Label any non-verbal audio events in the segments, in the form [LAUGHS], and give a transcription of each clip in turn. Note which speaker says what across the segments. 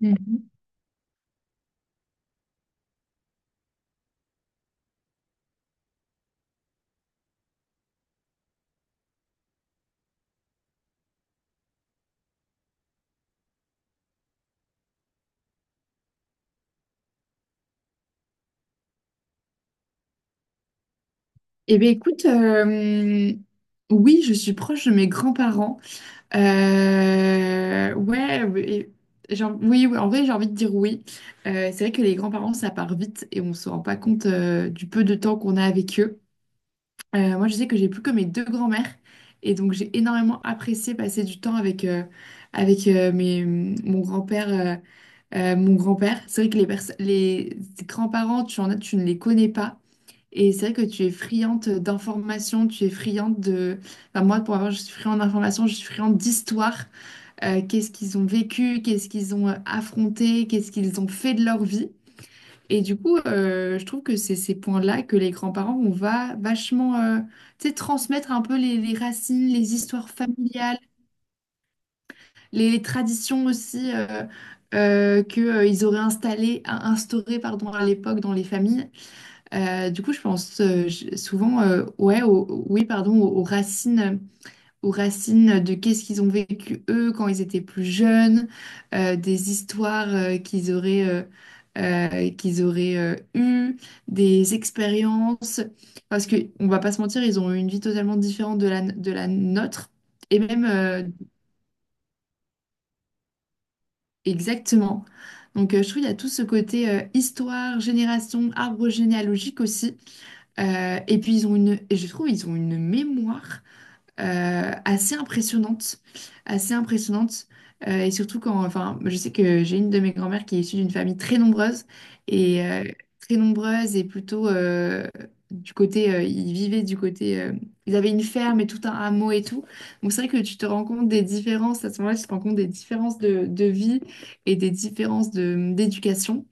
Speaker 1: Mhm. Eh bien, écoute, oui, je suis proche de mes grands-parents. Ouais, oui, oui, oui, en vrai, j'ai envie de dire oui. C'est vrai que les grands-parents, ça part vite et on ne se rend pas compte du peu de temps qu'on a avec eux. Moi, je sais que j'ai plus que mes deux grands-mères, et donc j'ai énormément apprécié passer du temps avec mon grand-père. Mon grand-père, c'est vrai que les grands-parents, tu en as, tu ne les connais pas. Et c'est vrai que tu es friande d'informations, tu es friande de... Enfin, moi, pour avoir, je suis friande d'informations, je suis friande d'histoire. Qu'est-ce qu'ils ont vécu, qu'est-ce qu'ils ont affronté, qu'est-ce qu'ils ont fait de leur vie. Et du coup, je trouve que c'est ces points-là que les grands-parents, on va vachement, tu sais, transmettre un peu les racines, les histoires familiales, les traditions aussi, ils auraient installées, instaurées, pardon, à l'époque dans les familles. Du coup, je pense souvent, ouais, oui, pardon, aux racines de qu'est-ce qu'ils ont vécu eux quand ils étaient plus jeunes, des histoires qu'ils auraient eues, des expériences, parce que on va pas se mentir, ils ont eu une vie totalement différente de la nôtre, et même, exactement. Donc, je trouve qu'il y a tout ce côté histoire, génération, arbre généalogique aussi. Et je trouve ils ont une mémoire assez impressionnante, assez impressionnante. Et surtout quand, enfin, je sais que j'ai une de mes grand-mères qui est issue d'une famille très nombreuse, et euh, très nombreuse et plutôt, ils vivaient du côté, ils avaient une ferme et tout un hameau et tout. Donc c'est vrai que tu te rends compte des différences à ce moment-là, tu te rends compte des différences de vie et des différences de d'éducation.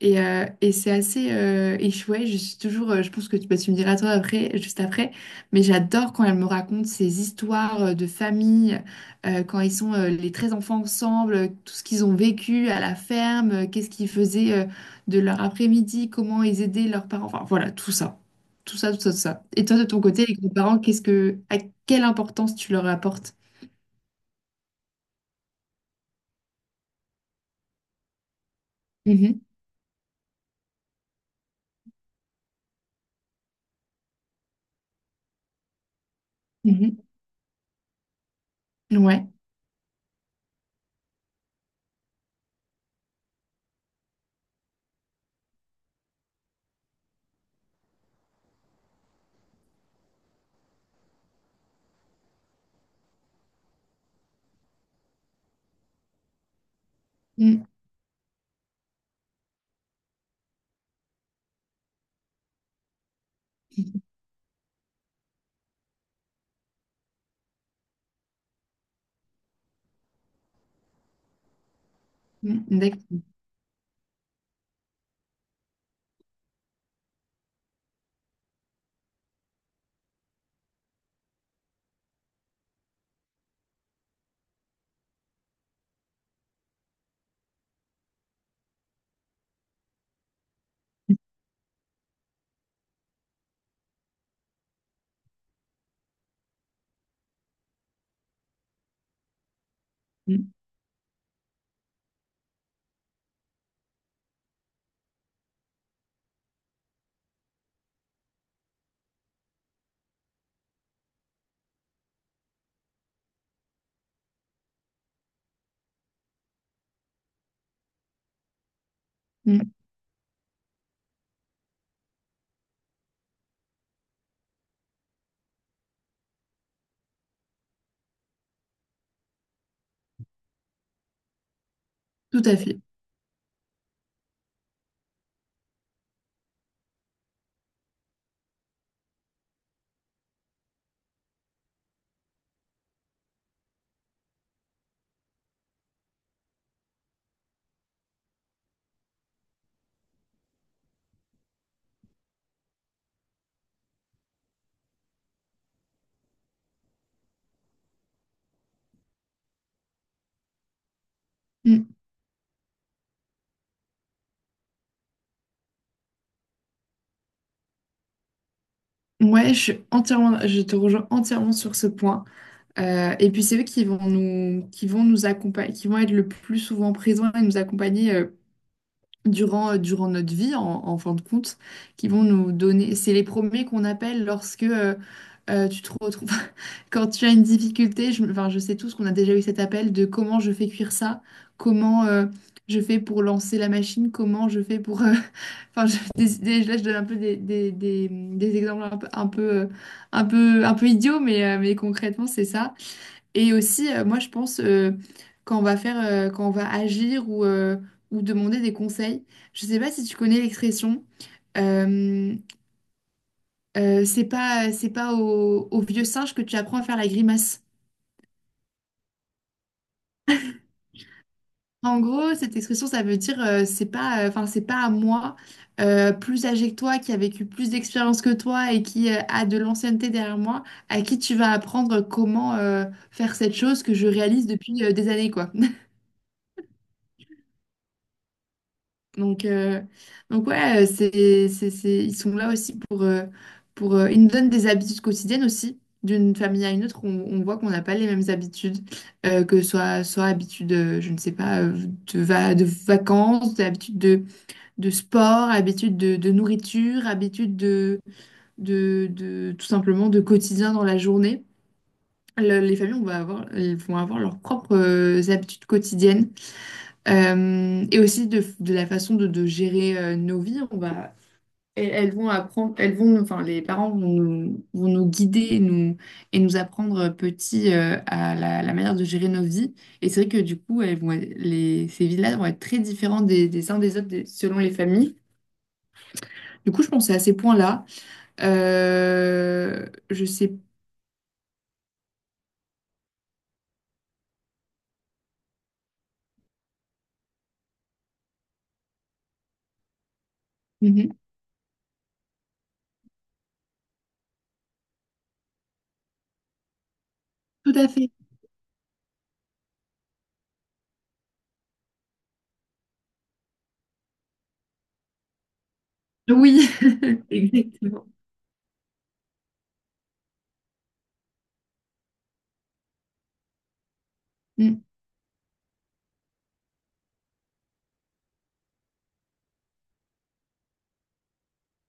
Speaker 1: Et c'est assez, ouais, je suis toujours, je pense que tu, bah, tu me diras toi après, juste après, mais j'adore quand elle me raconte ces histoires de famille, quand ils sont les 13 enfants ensemble, tout ce qu'ils ont vécu à la ferme, qu'est-ce qu'ils faisaient de leur après-midi, comment ils aidaient leurs parents, enfin voilà, tout ça. Tout ça, tout ça, tout ça. Et toi, de ton côté, les grands-parents, qu'est-ce que, à quelle importance tu leur apportes? Mhm, mhm, ouais. Mm, mm, d'accord. Mm, mm, tout à fait. Mmh. Ouais, je suis entièrement, je te rejoins entièrement sur ce point. Et puis c'est eux qui vont qui vont nous accompagner, qui vont être le plus souvent présents et nous accompagner, durant notre vie, en fin de compte, qui vont nous donner. C'est les premiers qu'on appelle lorsque tu te retrouves, [LAUGHS] quand tu as une difficulté. Enfin, je sais tous qu'on a déjà eu cet appel de comment je fais cuire ça, comment, je fais pour lancer la machine, comment je fais pour enfin, là, je donne un peu des exemples un peu idiots, mais concrètement, c'est ça. Et aussi, moi, je pense, quand on va agir, ou demander des conseils, je sais pas si tu connais l'expression, euh, c'est pas au, au vieux singe que tu apprends à faire la grimace. En gros, cette expression, ça veut dire, c'est pas, enfin c'est pas à moi, plus âgé que toi, qui a vécu plus d'expérience que toi et qui a de l'ancienneté derrière moi, à qui tu vas apprendre comment faire cette chose que je réalise depuis des années, quoi. [LAUGHS] Donc, euh, donc ouais, ils sont là aussi pour, ils nous donnent des habitudes quotidiennes aussi. D'une famille à une autre, on voit qu'on n'a pas les mêmes habitudes, que ce soit, soit habitude, je ne sais pas, de vacances, d'habitude de sport, habitudes de nourriture, habitudes tout simplement de quotidien dans la journée. Les familles on va avoir, elles vont avoir leurs propres habitudes quotidiennes. Et aussi de la façon de gérer nos vies. Elles, elles vont apprendre, enfin, les parents vont vont nous guider et et nous apprendre, petits, la manière de gérer nos vies. Et c'est vrai que du coup, elles vont être- les, ces vies-là vont être très différentes des uns des autres selon les familles. Du coup, je pensais à ces points-là. Je sais. Mhm. Tout à fait. Oui, [LAUGHS] exactement. Mm,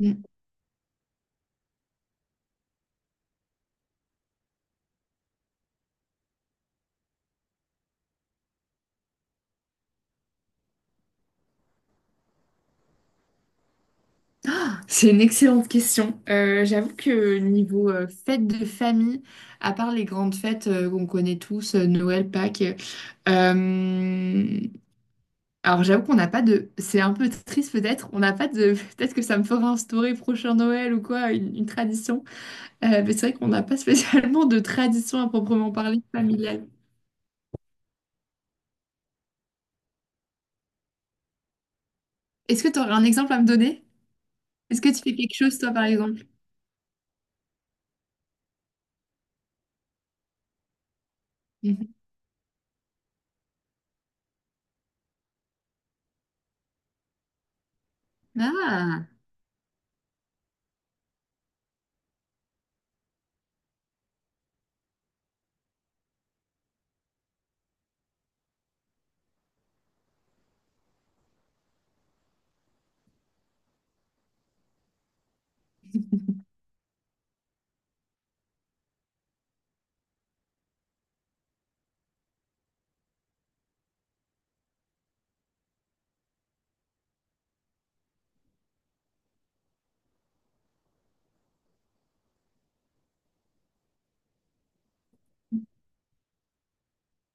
Speaker 1: mm. C'est une excellente question. J'avoue que niveau fête de famille, à part les grandes fêtes qu'on connaît tous, Noël, Pâques, euh, alors j'avoue qu'on n'a pas de... C'est un peu triste peut-être, on n'a pas de... [LAUGHS] Peut-être que ça me fera instaurer prochain Noël ou quoi, une tradition. Mais c'est vrai qu'on n'a pas spécialement de tradition à proprement parler familiale. Est-ce que tu aurais un exemple à me donner? Est-ce que tu fais quelque chose, toi, par exemple? Mhm. Ah,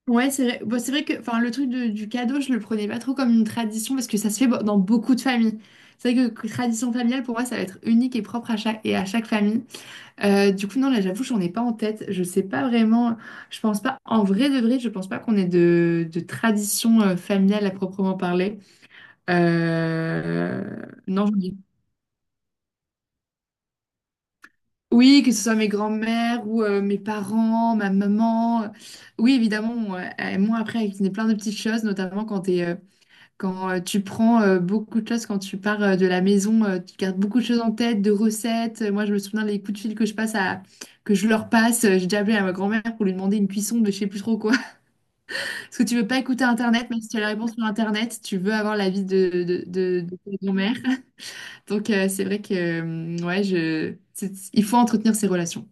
Speaker 1: ouais, c'est vrai. Bon, c'est vrai que enfin, du cadeau, je le prenais pas trop comme une tradition parce que ça se fait dans beaucoup de familles. C'est vrai que tradition familiale, pour moi, ça va être unique et propre à chaque famille. Du coup, non, là, j'avoue, j'en ai pas en tête. Je sais pas vraiment. Je pense pas, en vrai de vrai, je pense pas qu'on ait de tradition familiale à proprement parler. Euh, Non, j'en ai oui, que ce soit mes grands-mères ou mes parents, ma maman. Oui, évidemment, moi après, avec plein de petites choses, notamment quand tu prends beaucoup de choses, quand tu pars de la maison, tu gardes beaucoup de choses en tête, de recettes. Moi, je me souviens des coups de fil que je leur passe. J'ai déjà appelé à ma grand-mère pour lui demander une cuisson de je sais plus trop quoi. [LAUGHS] Parce que tu veux pas écouter Internet, même si tu as la réponse sur Internet, tu veux avoir l'avis de ta grand-mère. [LAUGHS] Donc, c'est vrai que, ouais, je... il faut entretenir ces relations.